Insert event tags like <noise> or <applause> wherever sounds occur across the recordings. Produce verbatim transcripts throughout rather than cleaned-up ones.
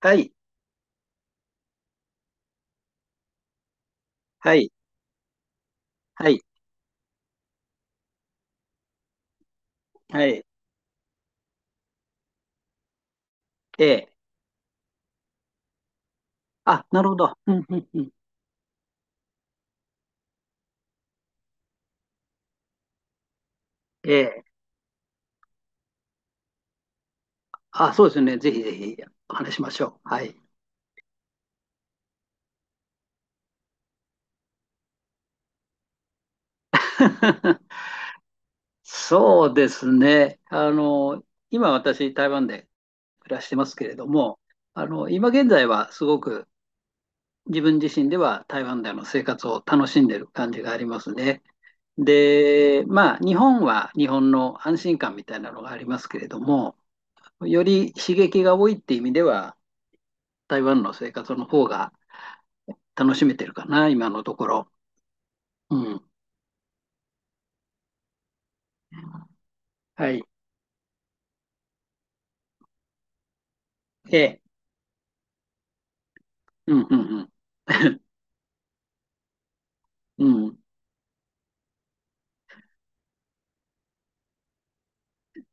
はい、はい、はい、はい。ええ。あ、なるほど。うん、うん、うん。ええ。あ、そうですね。ぜひぜひ、お話ししましょう。はい。<laughs> そうですね。あの、今私、台湾で暮らしてますけれども、あの、今現在はすごく自分自身では台湾での生活を楽しんでる感じがありますね。で、まあ、日本は日本の安心感みたいなのがありますけれども、より刺激が多いって意味では、台湾の生活の方が楽しめてるかな、今のところ。うん。はい。ええ。うん、うん、うん。<laughs> うん、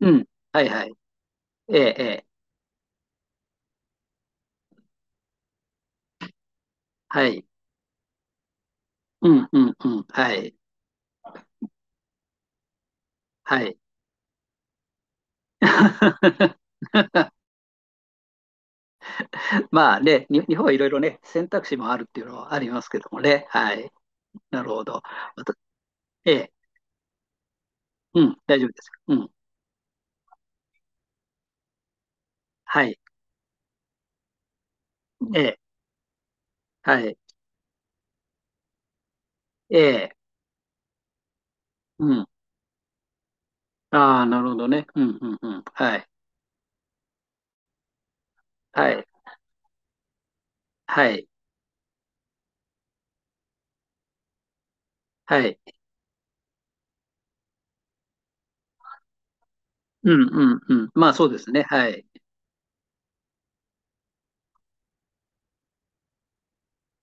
うん。はいはい。ええ、ええ。はい。うん、うん、うん。はい。はい。<laughs> まあね、に日本はいろいろね、選択肢もあるっていうのはありますけどもね。はい。なるほど。また。ええ。うん、大丈夫です。うん。はい。ええ。はい。ええ。うん。ああ、なるほどね。うん、うん、うん。はい。はい。はい。はい。うんうんうん。まあそうですね。はい。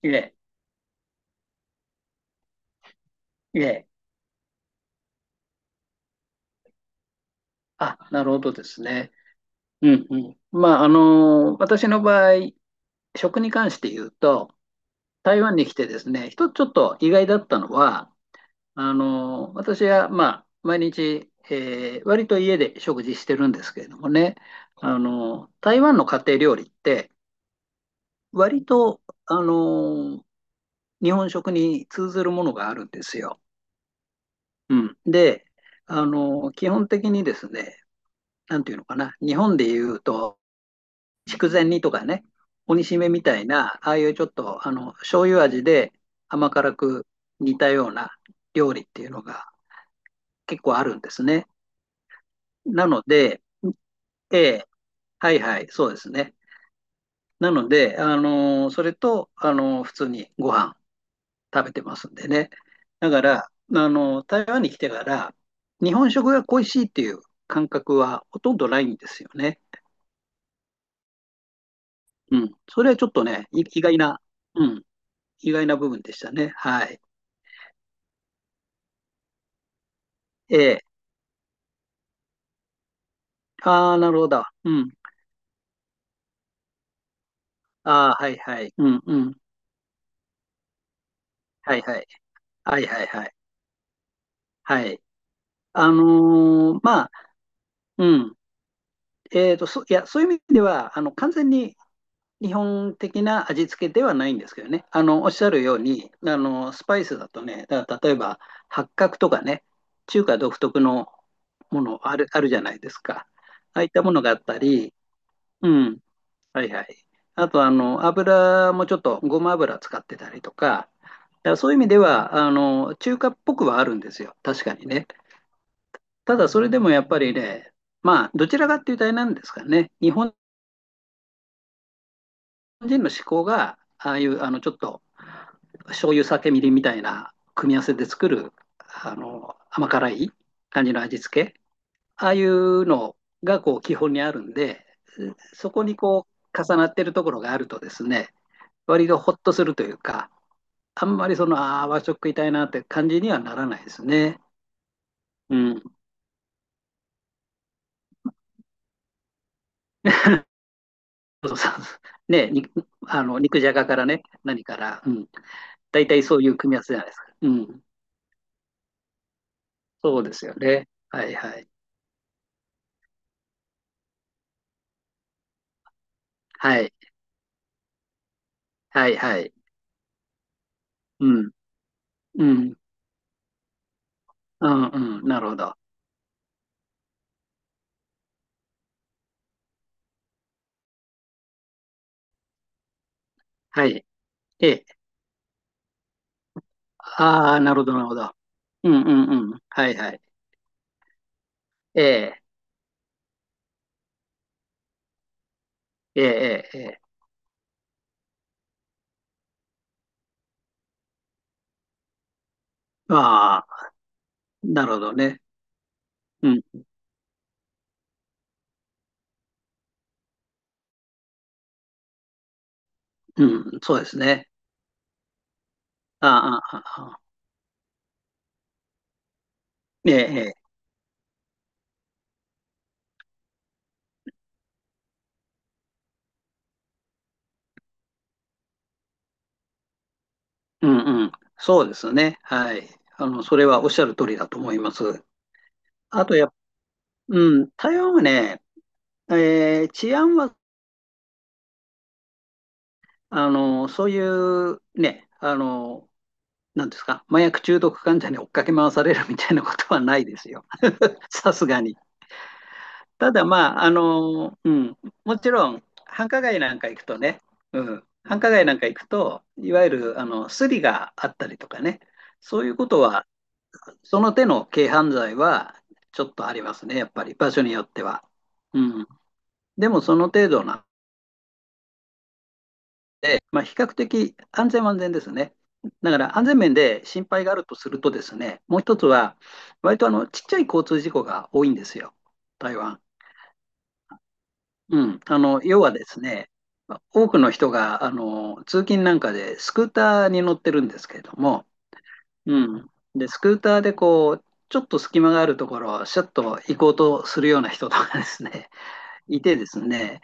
ええ、ええ。あ、なるほどですね。うんうん。まああの、私の場合、食に関して言うと、台湾に来てですね、一つちょっと意外だったのは、あの、私はまあ毎日、えー割と家で食事してるんですけれどもね、あの、台湾の家庭料理って、割と、あの、日本食に通ずるものがあるんですよ。うん。で、あの、基本的にですね、なんていうのかな、日本でいうと、筑前煮とかね、鬼しめみたいな、ああいうちょっとあの醤油味で甘辛く似たような料理っていうのが結構あるんですね。なので、ええ、はいはい、そうですね。なので、あのーそれと、あのー普通にご飯食べてますんでね。だから、あのー台湾に来てから、日本食が恋しいっていう感覚はほとんどないんですよね。うん、それはちょっとね、い意外な。うん、意外な部分でしたね。はい。ええ。ああ、なるほど。うん。ああ、はいはい。うんうん。はいはい。はいはいはい。はい。あのーまあ、うん。えっと、そ、いや、そういう意味では、あの、完全に日本的な味付けではないんですけどね。あの、おっしゃるように、あの、スパイスだとね、だから例えば、八角とかね、中華独特のものある、あるじゃないですか。ああいったものがあったり、うん。はいはい。あと、あの、油もちょっとごま油使ってたりとか、だからそういう意味では、あの、中華っぽくはあるんですよ。確かにね。ただ、それでもやっぱりね、まあ、どちらかっていうとあれなんですかね。日本人の思考が、ああいう、あの、ちょっと、醤油、酒、みりんみたいな組み合わせで作る、あの、甘辛い感じの味付け。ああいうのが、こう、基本にあるんで、そこにこう、重なってるところがあるとですね、割とほっとするというか、あんまりその、ああ、和食食いたいなって感じにはならないですね。うん。そうそうそうね、にあの肉じゃがからね、何から、うん、大体そういう組み合わせじゃないですか。うん。そうですよね。はいはい。はい。はいはい。うん。うん。うんうん。なるほど。はい。ええ。ああ、なるほど、なるほど。うんうんうん。はいはい。ええ。ええ、ええ、ええ。ああ、なるほどね。うん。うん。そうですね。ああ、ああ、ああ。ええ、ええ、うんうん。そうですね。はい。あの、それはおっしゃる通りだと思います。あとや、うん、台湾はね、えー治安は、あの、そういうね、あの、なんですか、麻薬中毒患者に追っかけ回されるみたいなことはないですよ。<laughs> さすがに。ただまあ、あの、うん、もちろん、繁華街なんか行くとね、うん、繁華街なんか行くと、いわゆる、あの、スリがあったりとかね、そういうことはその手の軽犯罪はちょっとありますね、やっぱり場所によっては。うん、でもその程度な、まあ、比較的安全は安全ですね。だから安全面で心配があるとするとですね、もう一つは、割とあのちっちゃい交通事故が多いんですよ、台湾。うん、あの要はですね、多くの人があの通勤なんかでスクーターに乗ってるんですけれども、うん、でスクーターでこうちょっと隙間があるところをシャッと行こうとするような人とかですね、いてですね、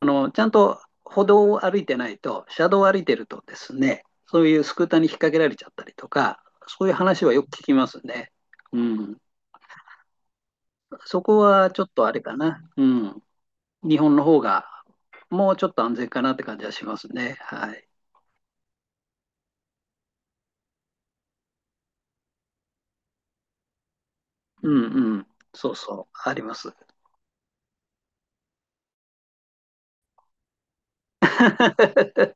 あのちゃんと歩道を歩いてないと、車道を歩いてるとですね、そういうスクーターに引っ掛けられちゃったりとか、そういう話はよく聞きますね。うん、そこはちょっとあれかな、うん、日本の方がもうちょっと安全かなって感じはしますね。はい。うんうん、そうそう、あります。<laughs>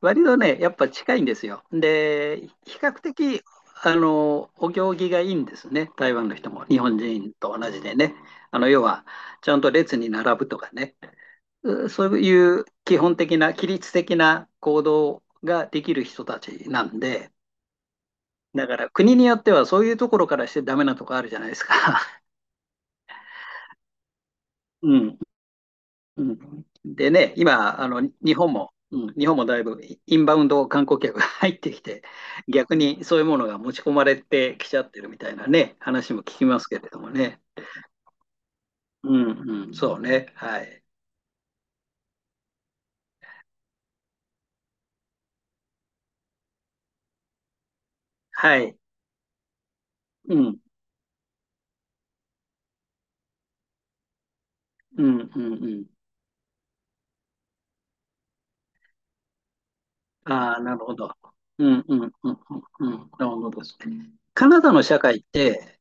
割とね、やっぱ近いんですよ。で、比較的、あの、お行儀がいいんですね。台湾の人も、日本人と同じでね。あの、要は、ちゃんと列に並ぶとかね。うそういう基本的な、規律的な行動ができる人たちなんで、だから国によってはそういうところからしてダメなとこあるじゃないですか。<laughs> うん。うん、でね、今、あの、日本も、うん、日本もだいぶインバウンド観光客が入ってきて、逆にそういうものが持ち込まれてきちゃってるみたいなね、話も聞きますけれどもね。うん、うん、そうね。はい。はい。うん、うん、うん、うん。ああ、なるほど。うん、うん、うん、うん、うん。なるほどですね。カナダの社会って、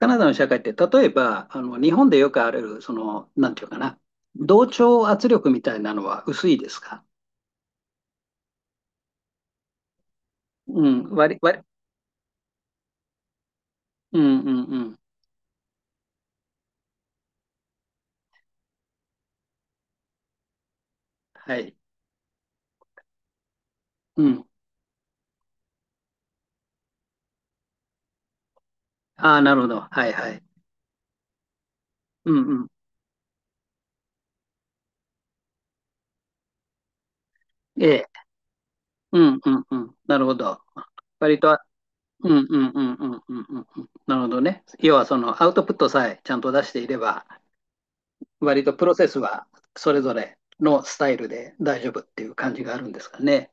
カナダの社会って、例えば、あの、日本でよくある、その、なんていうかな、同調圧力みたいなのは薄いですか？うん、割り、割り、うんうんうん。はい。うん。ああ、なるほど。はいはい。うんうん。ええ。うんうんうん。なるほど。割と、うんうんうんうんうんうんうん。なるほどね。要はそのアウトプットさえちゃんと出していれば、割とプロセスはそれぞれのスタイルで大丈夫っていう感じがあるんですかね。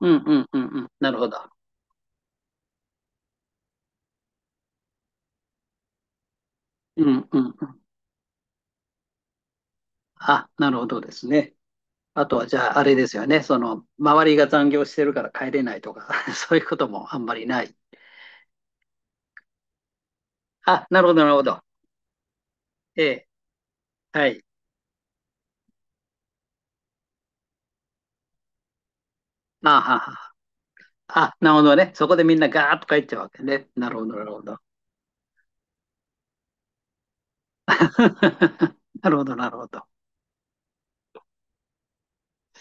うんうんうんうん。なるほど。うんうんうん。あ、なるほどですね。あとはじゃああれですよね。その周りが残業してるから帰れないとか <laughs> そういうこともあんまりない？あ、なるほど、なるほど。ええ、はい。あはは。あ、なるほどね。そこでみんなガーッと帰っちゃうわけね。なるほど、なるほど。<laughs> なるほど、なるほど。